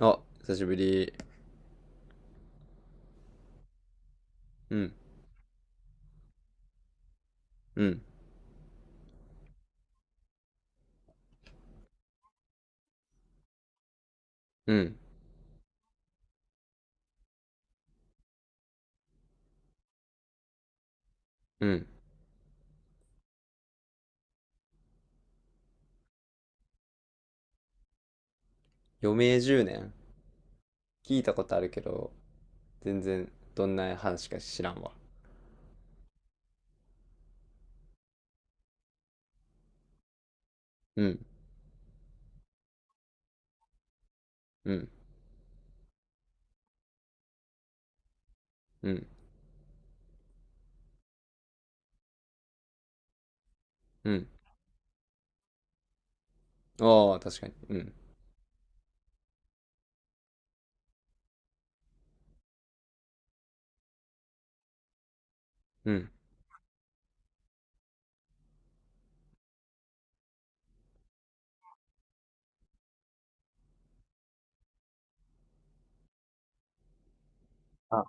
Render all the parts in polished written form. あ、久しぶり。うん、うん、うん、うん。余命10年、聞いたことあるけど、全然どんな話か知らんわ。うん、うん、うん、うん。ああ、確かに。うん、うん。あ、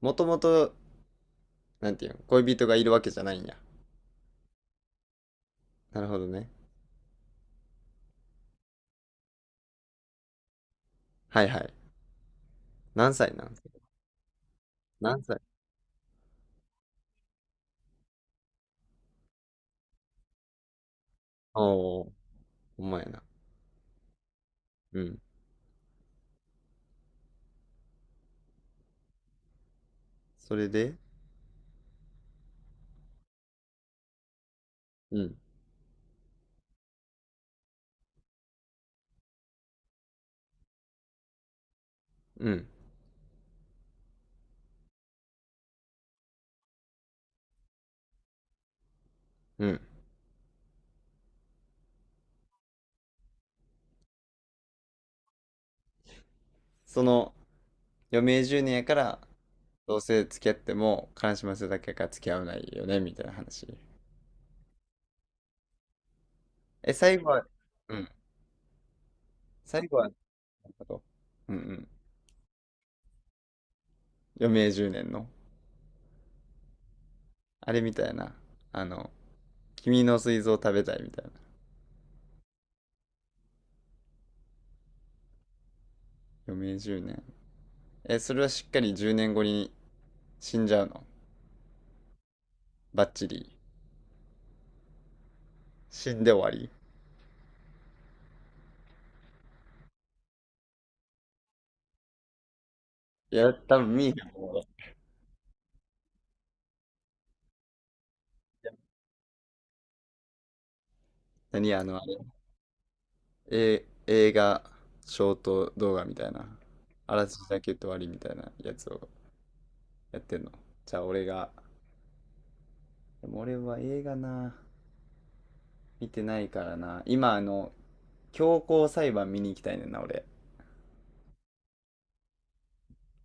もともと、なんていうの、恋人がいるわけじゃないんや。なるほどね。はいはい。何歳なんすか？何歳？おお、ほんまやな。うん。それで、うん、うん、うん。その、余命10年やから、どうせ付き合っても、悲しませるだけやから付き合わないよね、みたいな話。え、最後は、うん。最後はなんかと、うんうん。余命10年の。あれみたいな。あの、君の膵臓を食べたいみたいな。余命10年。え、それはしっかり10年後に死んじゃうの？バッチリ。死んで終わり。いや、多分見えへん。何あの、あれ。え、映画、ショート動画みたいな。あらすじだけ言って終わりみたいなやつをやってんの。じゃあ俺が、でも俺は映画な。見てないからな。今、あの、強行裁判見に行きたいねんな、俺。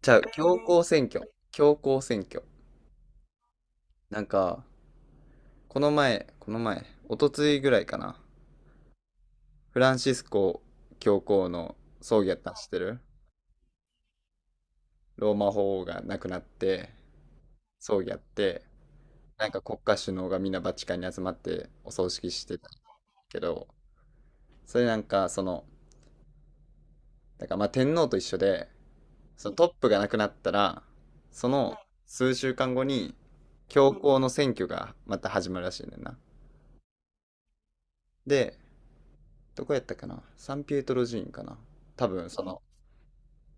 じゃあ、強行選挙。強行選挙。なんか、この前、おとついぐらいかな。フランシスコ教皇の葬儀やったん知ってる？ローマ法王が亡くなって、葬儀やって、なんか国家首脳がみんなバチカンに集まってお葬式してたけど、それなんか、その、だからまあ天皇と一緒で、そのトップがなくなったら、その数週間後に、教皇の選挙がまた始まるらしいねんな。で、どこやったかな、サンピエトロ寺院かな、多分その、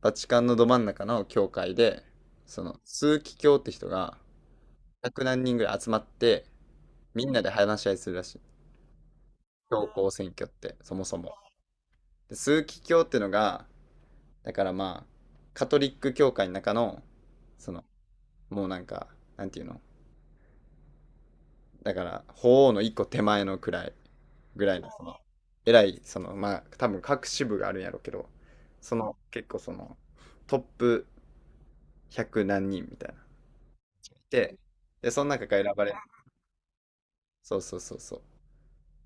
バチカンのど真ん中の教会で、その、枢機卿って人が、100何人ぐらい集まって、みんなで話し合いするらしい。教皇選挙って、そもそも。で、枢機卿ってのが、だからまあ、カトリック教会の中の、その、もうなんか、なんていうの、だから法皇の一個手前のくらいぐらいの、その偉い、そのまあ多分各支部があるんやろうけど、その結構そのトップ100何人みたいな。ででその中から選ばれる。そうそうそうそ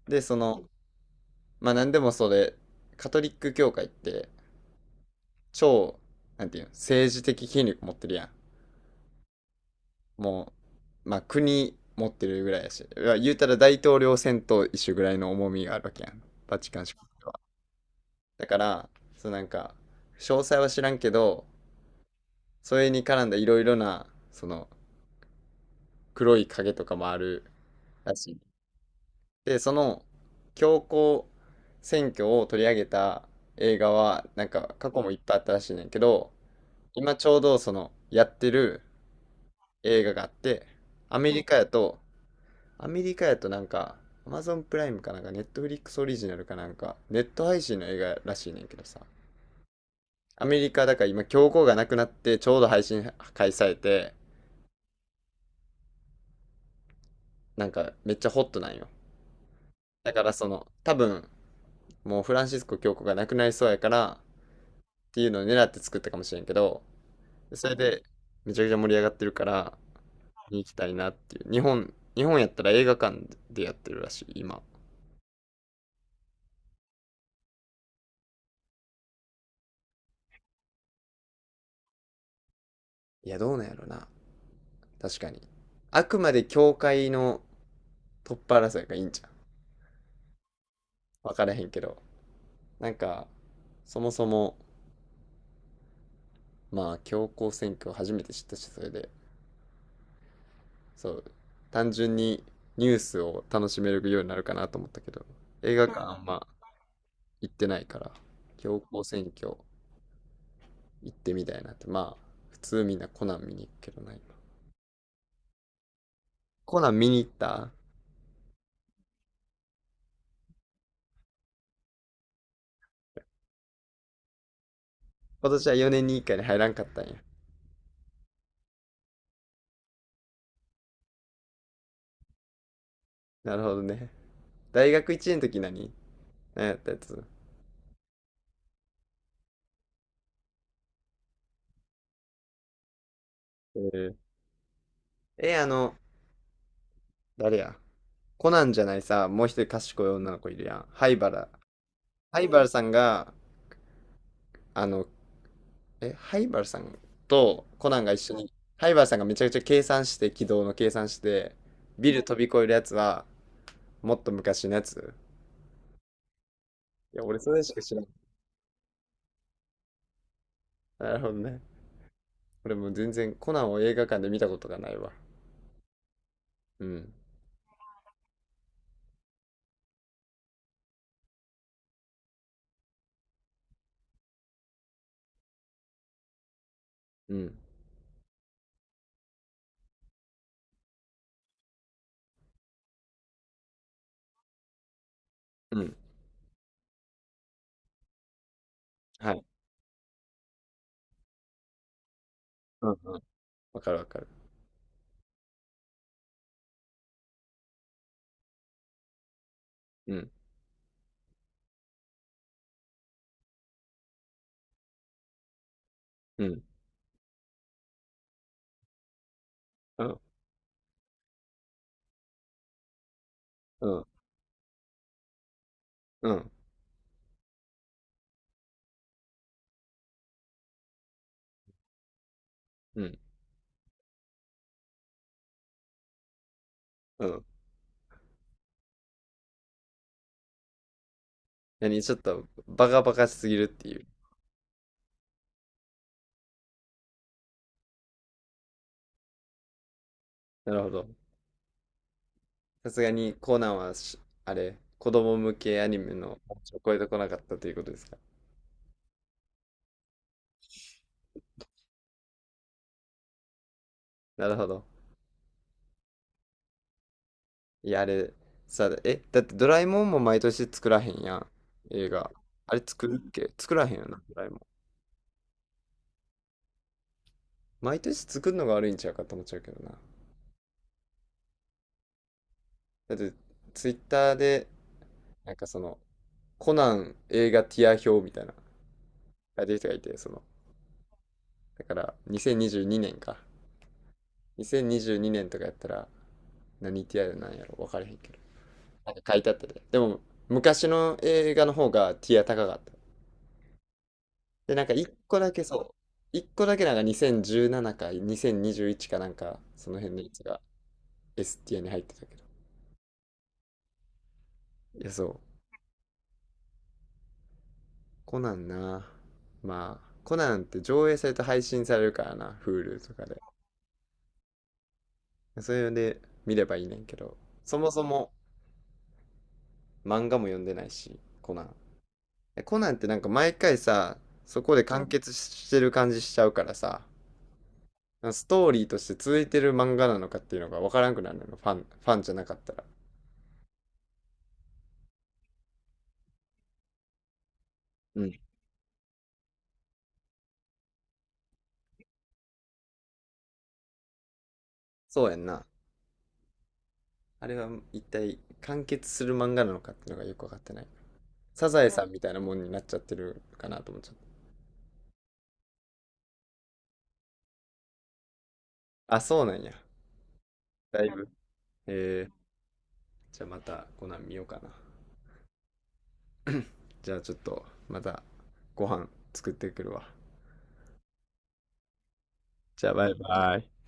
う。で、そのまあ何でもそれ、カトリック教会って、超なんていうの、政治的権力持ってるやん。もうまあ国持ってるぐらいやし、いや言うたら大統領選と一緒ぐらいの重みがあるわけやん、バチカン市。だから、そうなんか詳細は知らんけど、それに絡んだいろいろな、その黒い影とかもあるらしい。で、その教皇選挙を取り上げた映画はなんか過去もいっぱいあったらしいねんけど、今ちょうどそのやってる映画があって、アメリカやとアメリカやとなんか Amazon プライムかなんか、 Netflix オリジナルかなんか、ネット配信の映画らしいねんけどさ、アメリカだから今教皇がなくなってちょうど配信開催されて、なんかめっちゃホットなんよ。だからその多分、もうフランシスコ教皇がなくなりそうやからっていうのを狙って作ったかもしれんけど、それでめちゃくちゃ盛り上がってるから見に行きたいなっていう。日本やったら映画館でやってるらしい、今。いや、どうなんやろな。確かにあくまで教会のトップ争いがいいんじゃん、分からへんけど。なんかそもそも、まあ教皇選挙を初めて知ったし、それで、そう、単純にニュースを楽しめるようになるかなと思ったけど、映画館あんま行ってないから、強行選挙行ってみたいなって。まあ普通みんなコナン見に行くけどな、今。コナン見に行った？今年は4年に1回に入らんかったんや？なるほどね。大学1年の時、何やったやつ？えーえあの誰や、コナンじゃない、さ、もう一人賢い女の子いるやん、灰原さんが、あのえ、ハイバルさんとコナンが一緒に、ハイバルさんがめちゃくちゃ計算して、軌道の計算して、ビル飛び越えるやつは、もっと昔のやつ。いや、俺それしか知らん。なるほどね。俺もう全然コナンを映画館で見たことがないわ。うん、うん、うん。はい。うん、うん。わかるわかる。うん、うん、うん、うん、うん、うん、うん。何、ちょっとバカバカしすぎるっていう。なるほど。さすがにコナンはし、あれ、子供向けアニメのを超えてこなかったということですか？なるほど。いや、あれ、さ、だってドラえもんも毎年作らへんやん。映画。あれ作るっけ、作らへんよな、ドラえもん。毎年作るのが悪いんちゃうかと思っちゃうけどな。だって、ツイッターで、なんかその、コナン映画ティア表みたいな、書いてる人がいて、その、だから、2022年か。2022年とかやったら、何ティアなんやろ、分からへんけど。なんか書いてあったで。でも、昔の映画の方がティア高かった。で、なんか一個だけそう、一個だけなんか2017か2021かなんか、その辺のやつが S ティアに入ってたけど。いや、そう。コナンな。まあ、コナンって上映されて配信されるからな、Hulu とかで。それで見ればいいねんけど、そもそも漫画も読んでないし、コナン。コナンってなんか毎回さ、そこで完結してる感じしちゃうからさ、ストーリーとして続いてる漫画なのかっていうのが分からんくなるのよ、ファンじゃなかったら。うん。そうやんな。あれは一体完結する漫画なのかっていうのがよくわかってない。サザエさんみたいなもんになっちゃってるかなと思っちゃった。あ、そうなんや。だいぶ。えー、じゃあまたコナン見ようかな。じゃあちょっとまた、ご飯作ってくるわ。じゃあバイバイ。